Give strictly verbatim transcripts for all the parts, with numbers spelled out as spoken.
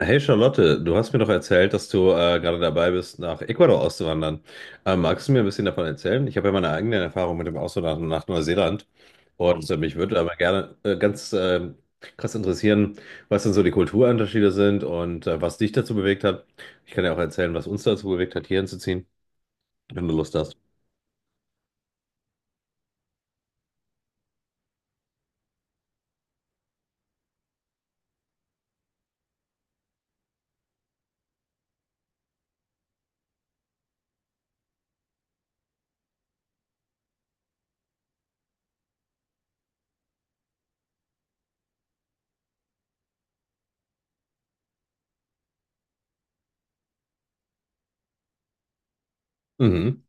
Hey Charlotte, du hast mir doch erzählt, dass du äh, gerade dabei bist, nach Ecuador auszuwandern. Äh, magst du mir ein bisschen davon erzählen? Ich habe ja meine eigenen Erfahrungen mit dem Auswandern nach Neuseeland und äh, mich würde aber gerne äh, ganz äh, krass interessieren, was denn so die Kulturunterschiede sind und äh, was dich dazu bewegt hat. Ich kann ja auch erzählen, was uns dazu bewegt hat, hierhin zu ziehen, wenn du Lust hast. Mhm.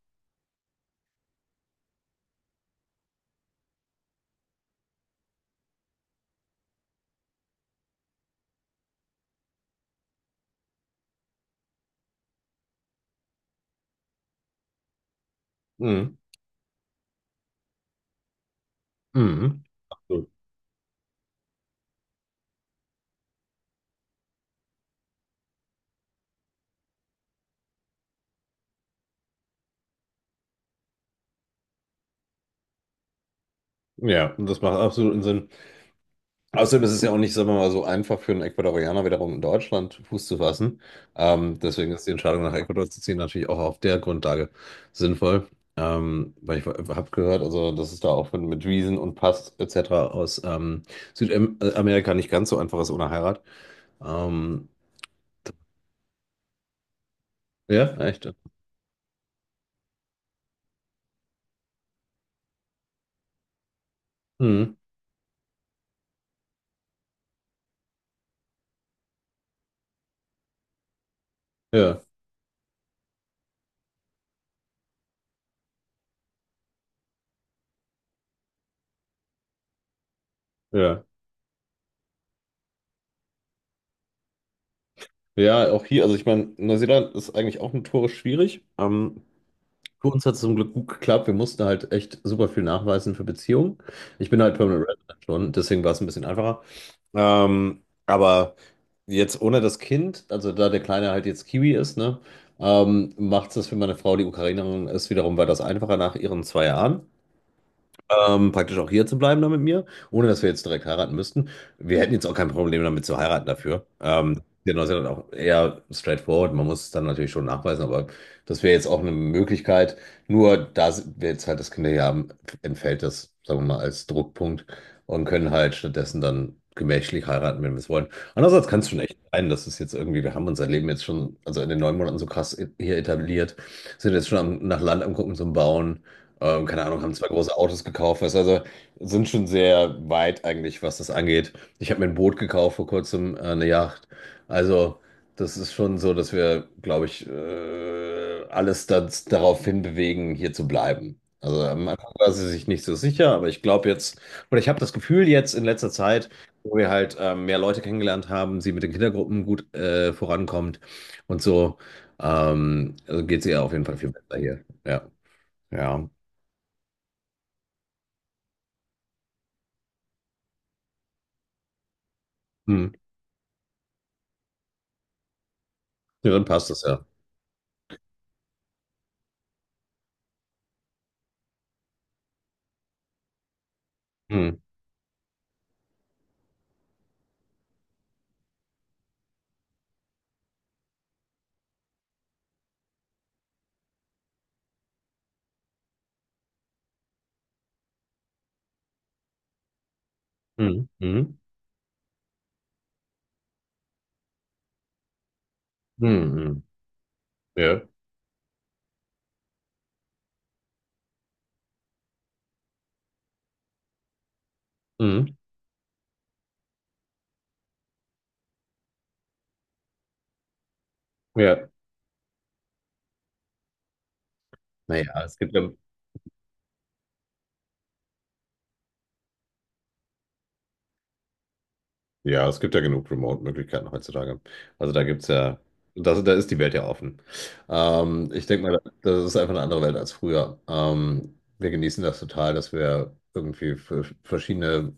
Mhm. Mhm. Gut. Ja, das macht absoluten Sinn. Außerdem ist es ja auch nicht, sagen wir mal, so einfach für einen Ecuadorianer wiederum in Deutschland Fuß zu fassen. Ähm, deswegen ist die Entscheidung nach Ecuador zu ziehen natürlich auch auf der Grundlage sinnvoll. Ähm, weil ich habe gehört, also dass es da auch mit, mit Wiesen und Pass et cetera aus ähm, Südamerika nicht ganz so einfach ist ohne Heirat. Ähm, ja, echt. Mhm. Ja, ja. Ja, auch hier, also ich meine, Neuseeland ist eigentlich auch notorisch schwierig. Ähm, Für uns hat es zum Glück gut geklappt. Wir mussten halt echt super viel nachweisen für Beziehungen. Ich bin halt Permanent Resident schon, deswegen war es ein bisschen einfacher. Ähm, aber jetzt ohne das Kind, also da der Kleine halt jetzt Kiwi ist, ne, ähm, macht es das für meine Frau, die Ukrainerin ist, wiederum war das einfacher nach ihren zwei Jahren ähm, praktisch auch hier zu bleiben da mit mir, ohne dass wir jetzt direkt heiraten müssten. Wir hätten jetzt auch kein Problem damit zu heiraten dafür. Ähm, der Neuseeland auch eher straightforward. Man muss es dann natürlich schon nachweisen, aber das wäre jetzt auch eine Möglichkeit. Nur da wir jetzt halt das Kinder hier haben, entfällt das, sagen wir mal, als Druckpunkt und können halt stattdessen dann gemächlich heiraten, wenn wir es wollen. Andererseits kann es schon echt sein, dass es jetzt irgendwie, wir haben unser Leben jetzt schon, also in den neun Monaten so krass hier etabliert, sind jetzt schon am, nach Land am Gucken zum Bauen. Ähm, keine Ahnung, haben zwei große Autos gekauft. Weißt, du, also sind schon sehr weit eigentlich, was das angeht. Ich habe mir ein Boot gekauft vor kurzem, äh, eine Yacht. Also das ist schon so, dass wir, glaube ich, äh, alles das, darauf hinbewegen, hier zu bleiben. Also am Anfang war sie sich nicht so sicher, aber ich glaube jetzt, oder ich habe das Gefühl jetzt in letzter Zeit, wo wir halt äh, mehr Leute kennengelernt haben, sie mit den Kindergruppen gut äh, vorankommt und so, ähm, also geht es ihr auf jeden Fall viel besser hier. Ja, ja. Hm. Ja, dann passt das ja. Mhm. Mhm. Mhm. Mhm. Mhm. Ja. Mhm. Ja. Na ja, es gibt ja Ja, es gibt ja genug Remote-Möglichkeiten heutzutage. Also da gibt's ja, das, da ist die Welt ja offen. Ähm, ich denke mal, das ist einfach eine andere Welt als früher. Ähm, wir genießen das total, dass wir irgendwie für verschiedene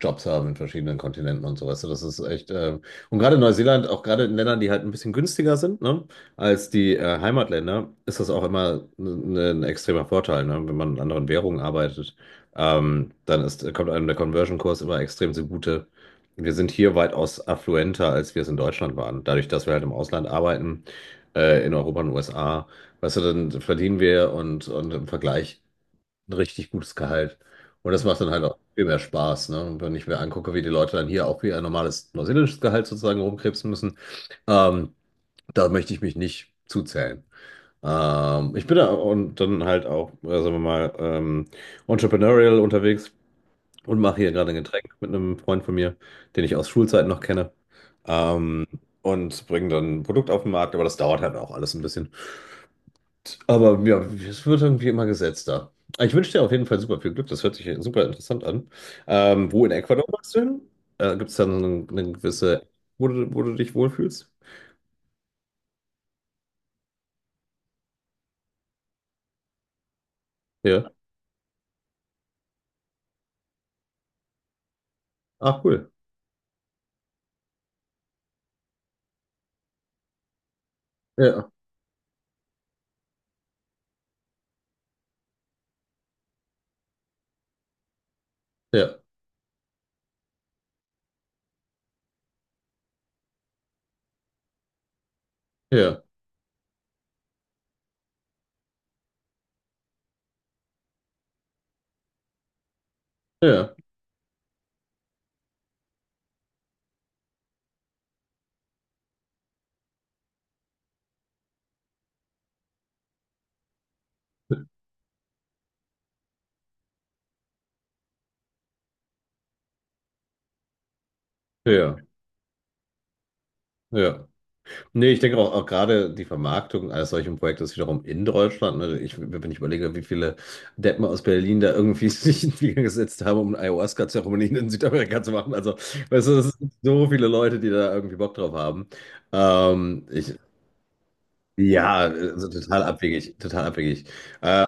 Jobs haben in verschiedenen Kontinenten und so, weißt du, das ist echt, ähm, und gerade in Neuseeland, auch gerade in Ländern, die halt ein bisschen günstiger sind, ne, als die äh, Heimatländer, ist das auch immer ein, ein extremer Vorteil, ne, wenn man in anderen Währungen arbeitet, ähm, dann ist, kommt einem der Conversion-Kurs immer extrem zugute. Wir sind hier weitaus affluenter, als wir es in Deutschland waren. Dadurch, dass wir halt im Ausland arbeiten, äh, in Europa und U S A, weißt du, dann verdienen wir und, und im Vergleich ein richtig gutes Gehalt. Und das macht dann halt auch viel mehr Spaß, ne? Und wenn ich mir angucke, wie die Leute dann hier auch wie ein normales neuseeländisches Gehalt sozusagen rumkrebsen müssen, ähm, da möchte ich mich nicht zuzählen. Ähm, ich bin da und dann halt auch, äh, sagen wir mal, ähm, entrepreneurial unterwegs und mache hier gerade ein Getränk mit einem Freund von mir, den ich aus Schulzeiten noch kenne. Ähm, und bringe dann ein Produkt auf den Markt, aber das dauert halt auch alles ein bisschen. Aber ja, es wird irgendwie immer gesetzter. Ich wünsche dir auf jeden Fall super viel Glück, das hört sich super interessant an. Ähm, wo in Ecuador magst du hin? Äh, gibt es da so eine, eine gewisse, wo du, wo du dich wohlfühlst? Ja. Ah, cool. Ja, ja, ja, ja, ja, ja. Nee, ich denke auch, auch gerade die Vermarktung eines solchen Projektes wiederum in Deutschland. Ne? Ich, wenn ich überlege, wie viele Deppen aus Berlin da irgendwie sich in den Flieger gesetzt haben, um eine Ayahuasca-Zeremonie in Südamerika zu machen. Also, weißt du, es sind so viele Leute, die da irgendwie Bock drauf haben. Ähm, ich, ja, also total abwegig, total abwegig. Äh,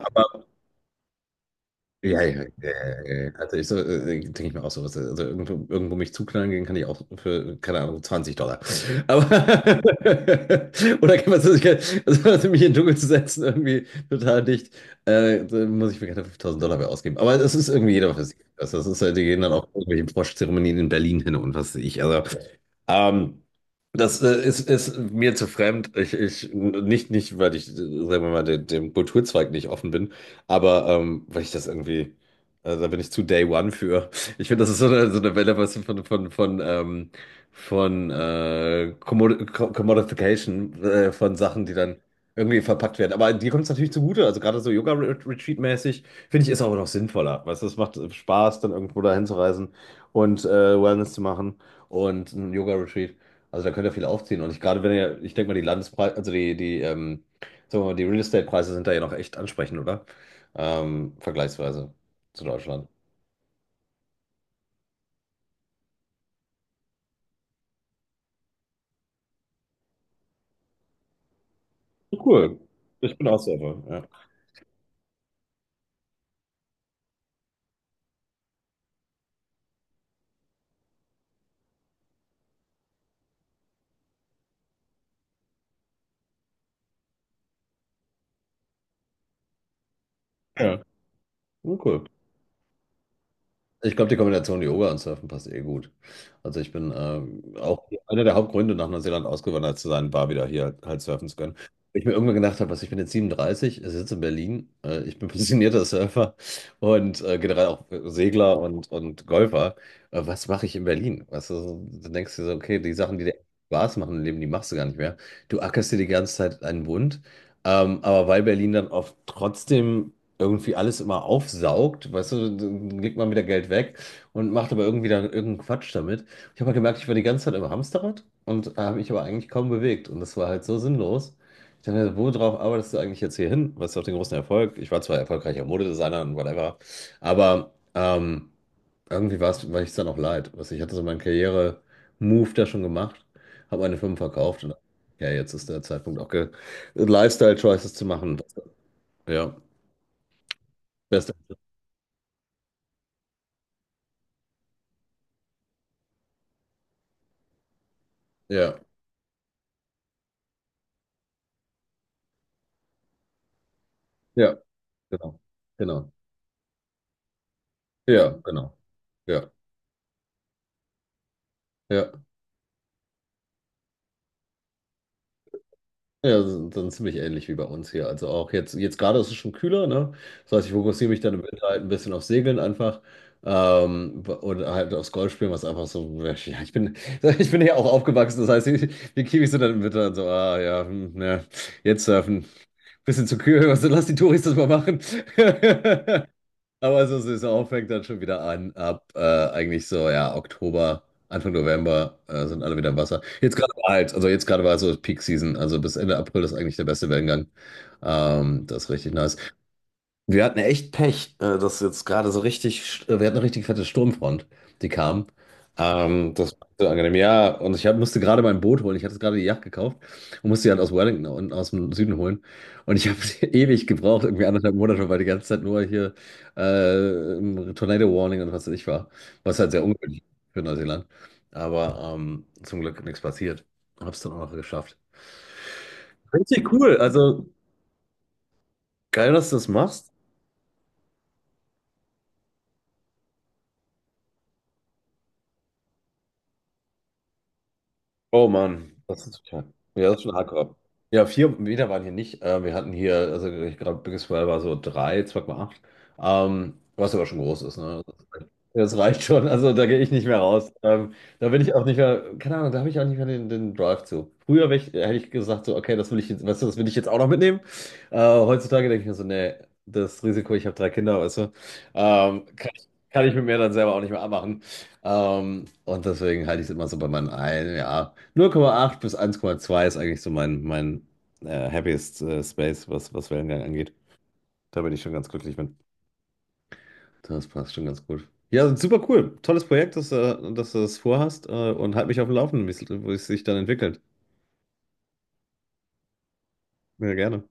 ja, ja, ja, ja, ja. Ja. Also ich so, äh, äh, denke ich mir auch so, was, äh, also irgendwo, irgendwo mich zuknallen gehen kann ich auch für, keine Ahnung, zwanzig Dollar. Aber oder kann man so, sich- also also mich in den Dschungel zu setzen, irgendwie total dicht, äh, dann muss ich mir keine fünftausend Dollar mehr ausgeben. Aber das ist irgendwie jeder für sich. Also das ist halt, die gehen dann auch irgendwelche Froschzeremonien in Berlin hin und was weiß ich. Also ähm, das äh, ist, ist mir zu fremd. Ich, ich, nicht, nicht, weil ich, äh, sagen wir mal, de- dem Kulturzweig nicht offen bin, aber ähm, weil ich das irgendwie, äh, da bin ich zu Day One für. Ich finde, das ist so eine, so eine Welle, was von, von, von, ähm, von äh, Commod Co- Commodification äh, von Sachen, die dann irgendwie verpackt werden. Aber dir kommt es natürlich zugute. Also gerade so Yoga-Retreat-mäßig, finde ich, ist auch noch sinnvoller. Weißt du, es macht Spaß, dann irgendwo dahin zu reisen und äh, Wellness zu machen und ein Yoga-Retreat. Also da könnt ihr viel aufziehen. Und ich gerade wenn ihr, ich denke mal, die Landespreise, also die, die, ähm, sagen wir mal, die Real Estate-Preise sind da ja noch echt ansprechend, oder? Ähm, vergleichsweise zu Deutschland. Cool. Ich bin auch Surfer, ja. Ja, cool. Ich glaube, die Kombination Yoga und Surfen passt eh gut. Also ich bin ähm, auch einer der Hauptgründe, nach Neuseeland ausgewandert zu sein, war wieder hier halt, halt surfen zu können. Ich mir irgendwann gedacht habe, was ich bin jetzt siebenunddreißig, sitze in Berlin, äh, ich bin passionierter Surfer und äh, generell auch Segler und, und Golfer. Äh, was mache ich in Berlin? Weißt du, so, du denkst du dir so, okay, die Sachen, die dir Spaß machen im Leben, die machst du gar nicht mehr. Du ackerst dir die ganze Zeit einen Bund. Ähm, aber weil Berlin dann oft trotzdem irgendwie alles immer aufsaugt, weißt du, dann legt man wieder Geld weg und macht aber irgendwie dann irgendeinen Quatsch damit. Ich habe halt gemerkt, ich war die ganze Zeit im Hamsterrad und äh, habe mich aber eigentlich kaum bewegt und das war halt so sinnlos. Ich dachte, worauf arbeitest du eigentlich jetzt hier hin? Was ist auf den großen Erfolg? Ich war zwar erfolgreicher Modedesigner und whatever, aber ähm, irgendwie war es, war ich es dann auch leid. Weißt du, ich hatte so meinen Karriere-Move da schon gemacht, habe meine Firmen verkauft und ja, jetzt ist der Zeitpunkt auch ge Lifestyle-Choices zu machen. Ja, beste. Ja. Ja, genau. Genau. Ja, genau. Ja. Ja. Ja, so- dann ziemlich ähnlich wie bei uns hier. Also auch jetzt, jetzt gerade ist es schon kühler, ne? Das heißt, ich fokussiere mich dann im Winter halt ein bisschen auf Segeln einfach. Ähm, und halt aufs Golfspielen, was einfach so, ja, ich bin, ich bin ja auch aufgewachsen, das heißt, die, die Kiwis sind dann im Winter dann so, ah ja, hm, ja, jetzt surfen. Bisschen zu kühl, also lass die Touris das mal machen. Aber so Saison fängt dann schon wieder an, ab äh, eigentlich so, ja, Oktober, Anfang November äh, sind alle wieder im Wasser. Jetzt gerade war halt, also jetzt gerade war so Peak Season, also bis Ende April ist eigentlich der beste Wellengang. Ähm, das ist richtig nice. Wir hatten echt Pech, äh, dass jetzt gerade so richtig, äh, wir hatten eine richtig fette Sturmfront, die kam. Ähm, das war so angenehm. Ja, und ich hab, musste gerade mein Boot holen. Ich hatte jetzt gerade die Yacht gekauft und musste die halt aus Wellington und aus dem Süden holen. Und ich habe ewig gebraucht, irgendwie anderthalb Monate, weil die ganze Zeit nur hier äh, im Tornado Warning und was weiß ich war. Was halt sehr ungewöhnlich für Neuseeland. Aber ähm, zum Glück nichts passiert. Hab's dann auch noch geschafft. Richtig cool. Also geil, dass du das machst. Oh Mann, das ist total. Ja, das ist schon hardcore. Ja, vier Meter waren hier nicht. Äh, wir hatten hier, also ich glaube, Biggest Well war so drei, zwei Komma acht. Ähm, was aber schon groß ist, ne? Das reicht schon. Also da gehe ich nicht mehr raus. Ähm, da bin ich auch nicht mehr, keine Ahnung, da habe ich auch nicht mehr den, den Drive zu. Früher wär ich, hätte ich gesagt, so, okay, das will ich jetzt, weißt du, das will ich jetzt auch noch mitnehmen. Äh, heutzutage denke ich mir so, nee, das Risiko, ich habe drei Kinder, weißt du, ähm, kann ich, kann ich mit mir dann selber auch nicht mehr abmachen. Ähm, und deswegen halte ich es immer so bei meinen ein, ja. null Komma acht bis eins Komma zwei ist eigentlich so mein, mein äh, happiest äh, Space, was, was Wellengang angeht. Da bin ich schon ganz glücklich mit. Das passt schon ganz gut. Ja, super cool. Tolles Projekt, dass, äh, dass du das vorhast äh, und halt mich auf dem Laufenden, wie es wie es sich dann entwickelt. Ja, gerne.